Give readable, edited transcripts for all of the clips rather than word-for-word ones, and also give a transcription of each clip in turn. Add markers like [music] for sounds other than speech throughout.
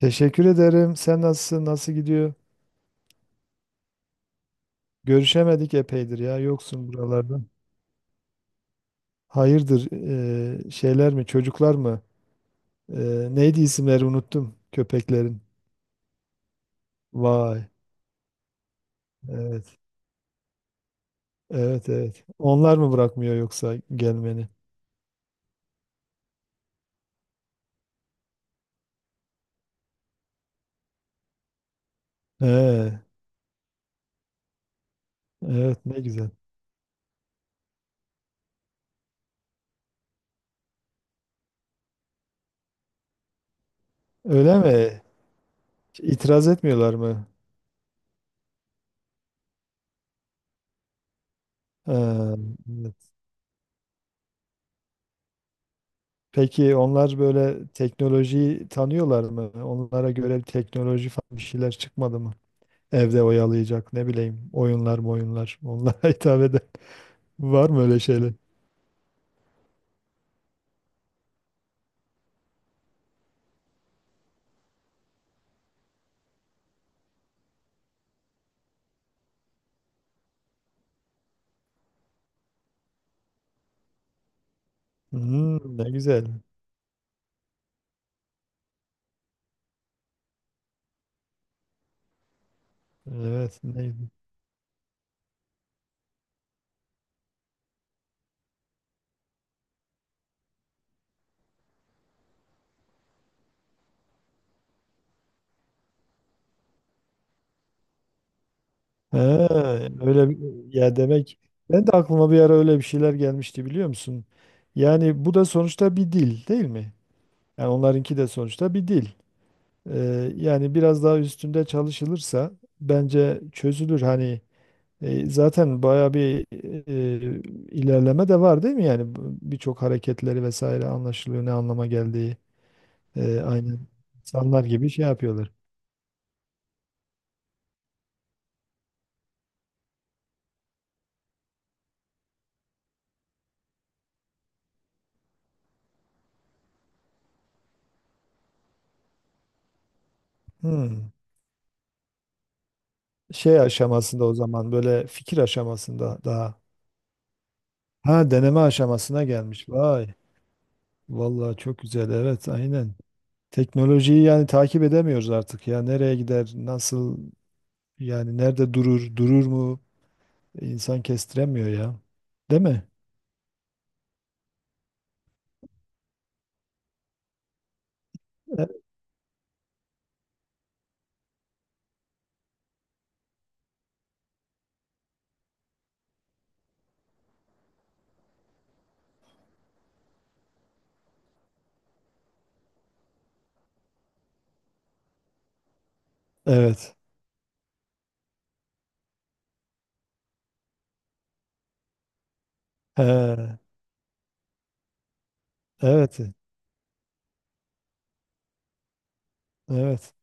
Teşekkür ederim. Sen nasılsın? Nasıl gidiyor? Görüşemedik epeydir ya. Yoksun buralarda. Hayırdır? Şeyler mi? Çocuklar mı? Neydi isimleri unuttum köpeklerin. Vay. Evet. Evet evet. Onlar mı bırakmıyor yoksa gelmeni? He, evet ne güzel. Öyle mi? İtiraz etmiyorlar mı? He, evet. Peki onlar böyle teknolojiyi tanıyorlar mı? Onlara göre bir teknoloji falan bir şeyler çıkmadı mı? Evde oyalayacak ne bileyim oyunlar mı oyunlar onlara [laughs] hitap eden var mı öyle şeyler? Hmm, ne güzel. Evet neydi? He, ya demek ben de aklıma bir ara öyle bir şeyler gelmişti biliyor musun? Yani bu da sonuçta bir dil değil mi? Yani onlarınki de sonuçta bir dil. Yani biraz daha üstünde çalışılırsa bence çözülür hani. Zaten bayağı bir ilerleme de var değil mi? Birçok hareketleri vesaire anlaşılıyor ne anlama geldiği. Aynen insanlar gibi şey yapıyorlar. Hmm. Şey aşamasında o zaman, böyle fikir aşamasında daha. Ha, deneme aşamasına gelmiş. Vay. Vallahi çok güzel. Evet aynen. Teknolojiyi yani takip edemiyoruz artık ya. Nereye gider? Nasıl? Yani nerede durur? Durur mu? İnsan kestiremiyor ya. Değil mi? E- Evet. He. Evet, evet.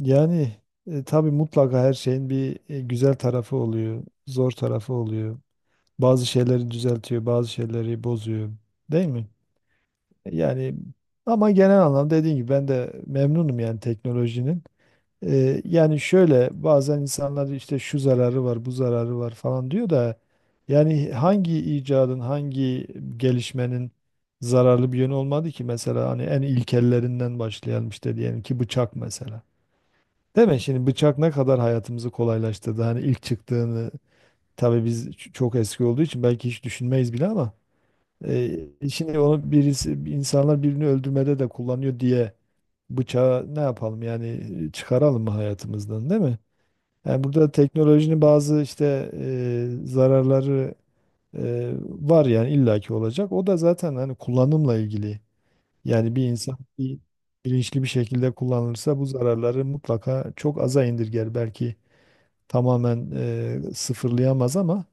Yani tabii mutlaka her şeyin bir güzel tarafı oluyor, zor tarafı oluyor. Bazı şeyleri düzeltiyor, bazı şeyleri bozuyor. Değil mi? Yani ama genel anlamda dediğim gibi ben de memnunum yani teknolojinin. Yani şöyle bazen insanlar işte şu zararı var, bu zararı var falan diyor da yani hangi icadın, hangi gelişmenin zararlı bir yönü olmadı ki. Mesela hani en ilkellerinden başlayalım, işte diyelim ki bıçak mesela. Değil mi? Şimdi bıçak ne kadar hayatımızı kolaylaştırdı. Hani ilk çıktığını tabii çok eski olduğu için belki hiç düşünmeyiz bile ama şimdi onu birisi, insanlar birini öldürmede de kullanıyor diye bıçağı ne yapalım yani, çıkaralım mı hayatımızdan, değil mi? Yani burada teknolojinin bazı işte zararları var yani, illaki olacak. O da zaten hani kullanımla ilgili. Yani bir insan bir bilinçli bir şekilde kullanılırsa bu zararları mutlaka çok aza indirger, belki tamamen sıfırlayamaz ama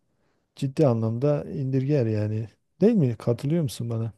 ciddi anlamda indirger yani. Değil mi? Katılıyor musun bana?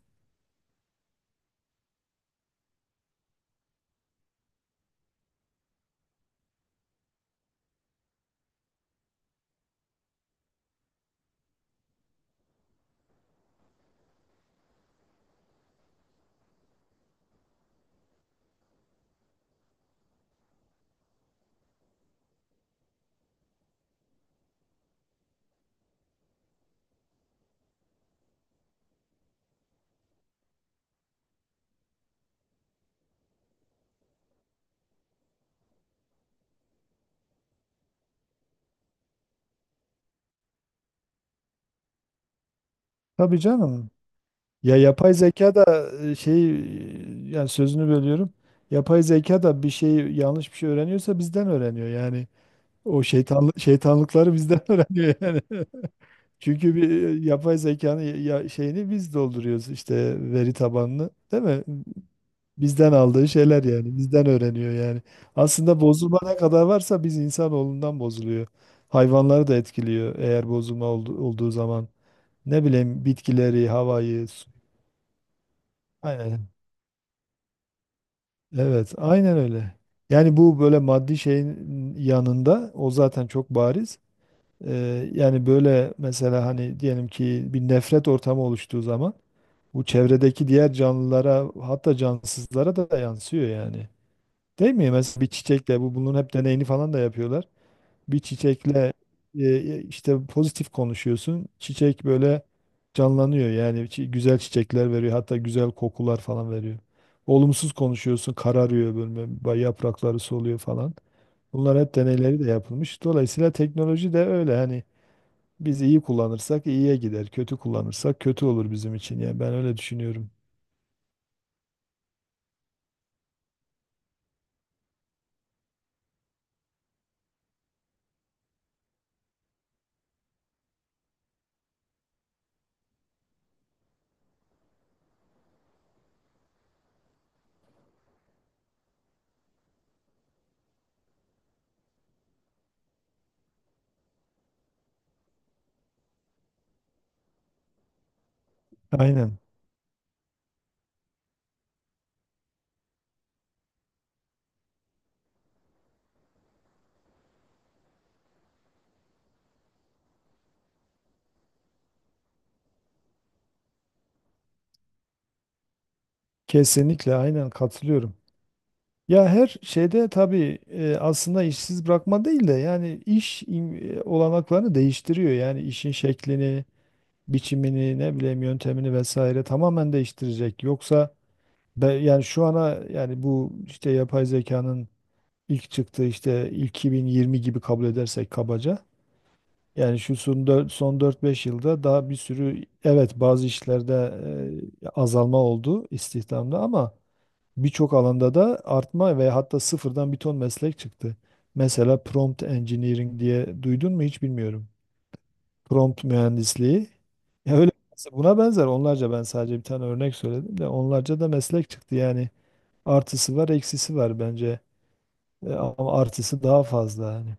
Tabii canım. Ya yapay zeka da yani sözünü bölüyorum. Yapay zeka da bir şey yanlış bir şey öğreniyorsa bizden öğreniyor. Yani o şeytanlıkları bizden [laughs] öğreniyor yani. [laughs] Çünkü bir yapay zekanın ya, şeyini biz dolduruyoruz işte, veri tabanını, değil mi? Bizden aldığı şeyler yani. Bizden öğreniyor yani. Aslında bozulma ne kadar varsa biz insanoğlundan bozuluyor. Hayvanları da etkiliyor eğer bozulma olduğu zaman. Ne bileyim bitkileri, havayı, Aynen. Evet, aynen öyle. Yani bu böyle maddi şeyin yanında o zaten çok bariz. Yani böyle mesela hani diyelim ki bir nefret ortamı oluştuğu zaman bu, çevredeki diğer canlılara hatta cansızlara da yansıyor yani. Değil mi? Mesela bir çiçekle, bunun hep deneyini falan da yapıyorlar. Bir çiçekle işte pozitif konuşuyorsun, çiçek böyle canlanıyor yani, güzel çiçekler veriyor, hatta güzel kokular falan veriyor. Olumsuz konuşuyorsun kararıyor böyle, yaprakları soluyor falan. Bunlar hep deneyleri de yapılmış. Dolayısıyla teknoloji de öyle hani, biz iyi kullanırsak iyiye gider, kötü kullanırsak kötü olur bizim için. Yani ben öyle düşünüyorum. Aynen. Kesinlikle aynen katılıyorum. Ya her şeyde tabii aslında işsiz bırakma değil de yani iş olanaklarını değiştiriyor. Yani işin şeklini, biçimini, ne bileyim yöntemini vesaire tamamen değiştirecek. Yoksa yani şu ana, yani bu işte yapay zekanın ilk çıktığı, işte ilk 2020 gibi kabul edersek kabaca. Yani son 4-5 yılda daha bir sürü, evet bazı işlerde azalma oldu istihdamda, ama birçok alanda da artma ve hatta sıfırdan bir ton meslek çıktı. Mesela prompt engineering diye duydun mu, hiç bilmiyorum. Prompt mühendisliği. Ya öyle buna benzer onlarca, ben sadece bir tane örnek söyledim de onlarca da meslek çıktı yani. Artısı var, eksisi var bence. Ama artısı daha fazla yani.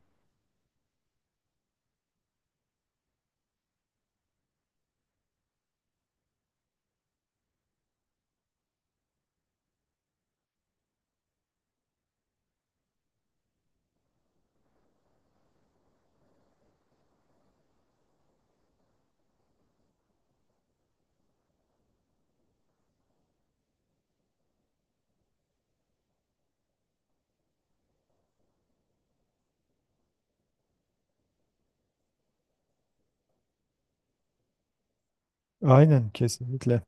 Aynen kesinlikle.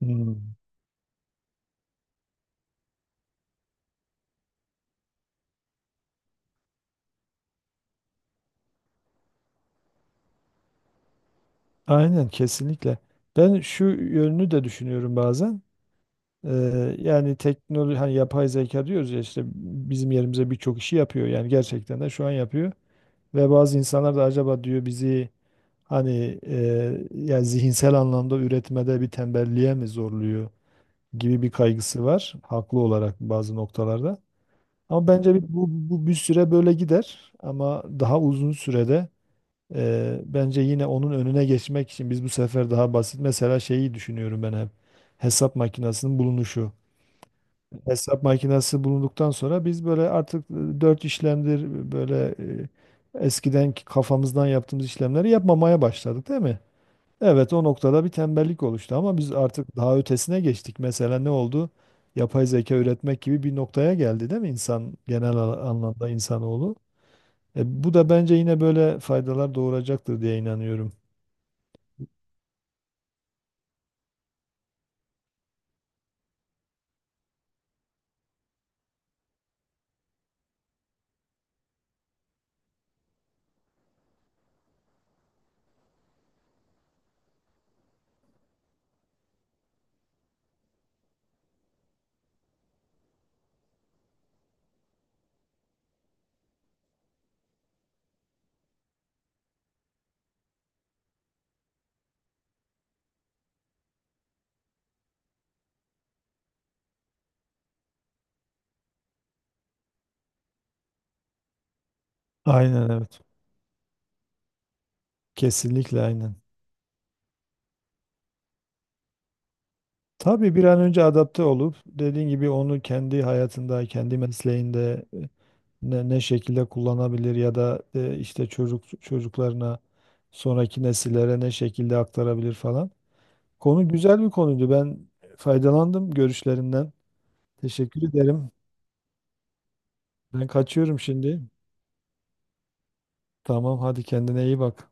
Hmm. Aynen kesinlikle. Ben şu yönünü de düşünüyorum bazen. Yani teknoloji hani yapay zeka diyoruz ya işte, bizim yerimize birçok işi yapıyor yani, gerçekten de şu an yapıyor ve bazı insanlar da acaba diyor bizi hani yani zihinsel anlamda üretmede bir tembelliğe mi zorluyor gibi, bir kaygısı var haklı olarak bazı noktalarda. Ama bence bu bir süre böyle gider ama daha uzun sürede bence yine onun önüne geçmek için biz bu sefer daha basit mesela, şeyi düşünüyorum ben hep, hesap makinesinin bulunuşu. Hesap makinesi bulunduktan sonra biz böyle artık dört işlemdir eskidenki kafamızdan yaptığımız işlemleri yapmamaya başladık değil mi? Evet o noktada bir tembellik oluştu ama biz artık daha ötesine geçtik. Mesela ne oldu? Yapay zeka üretmek gibi bir noktaya geldi değil mi insan, anlamda insanoğlu? Bu da bence yine böyle faydalar doğuracaktır diye inanıyorum. Aynen evet. Kesinlikle aynen. Tabii bir an önce adapte olup dediğin gibi onu kendi hayatında, kendi mesleğinde ne şekilde kullanabilir ya da işte çocuklarına, sonraki nesillere ne şekilde aktarabilir falan. Konu güzel bir konuydu. Ben faydalandım görüşlerinden. Teşekkür ederim. Ben kaçıyorum şimdi. Tamam, hadi kendine iyi bak.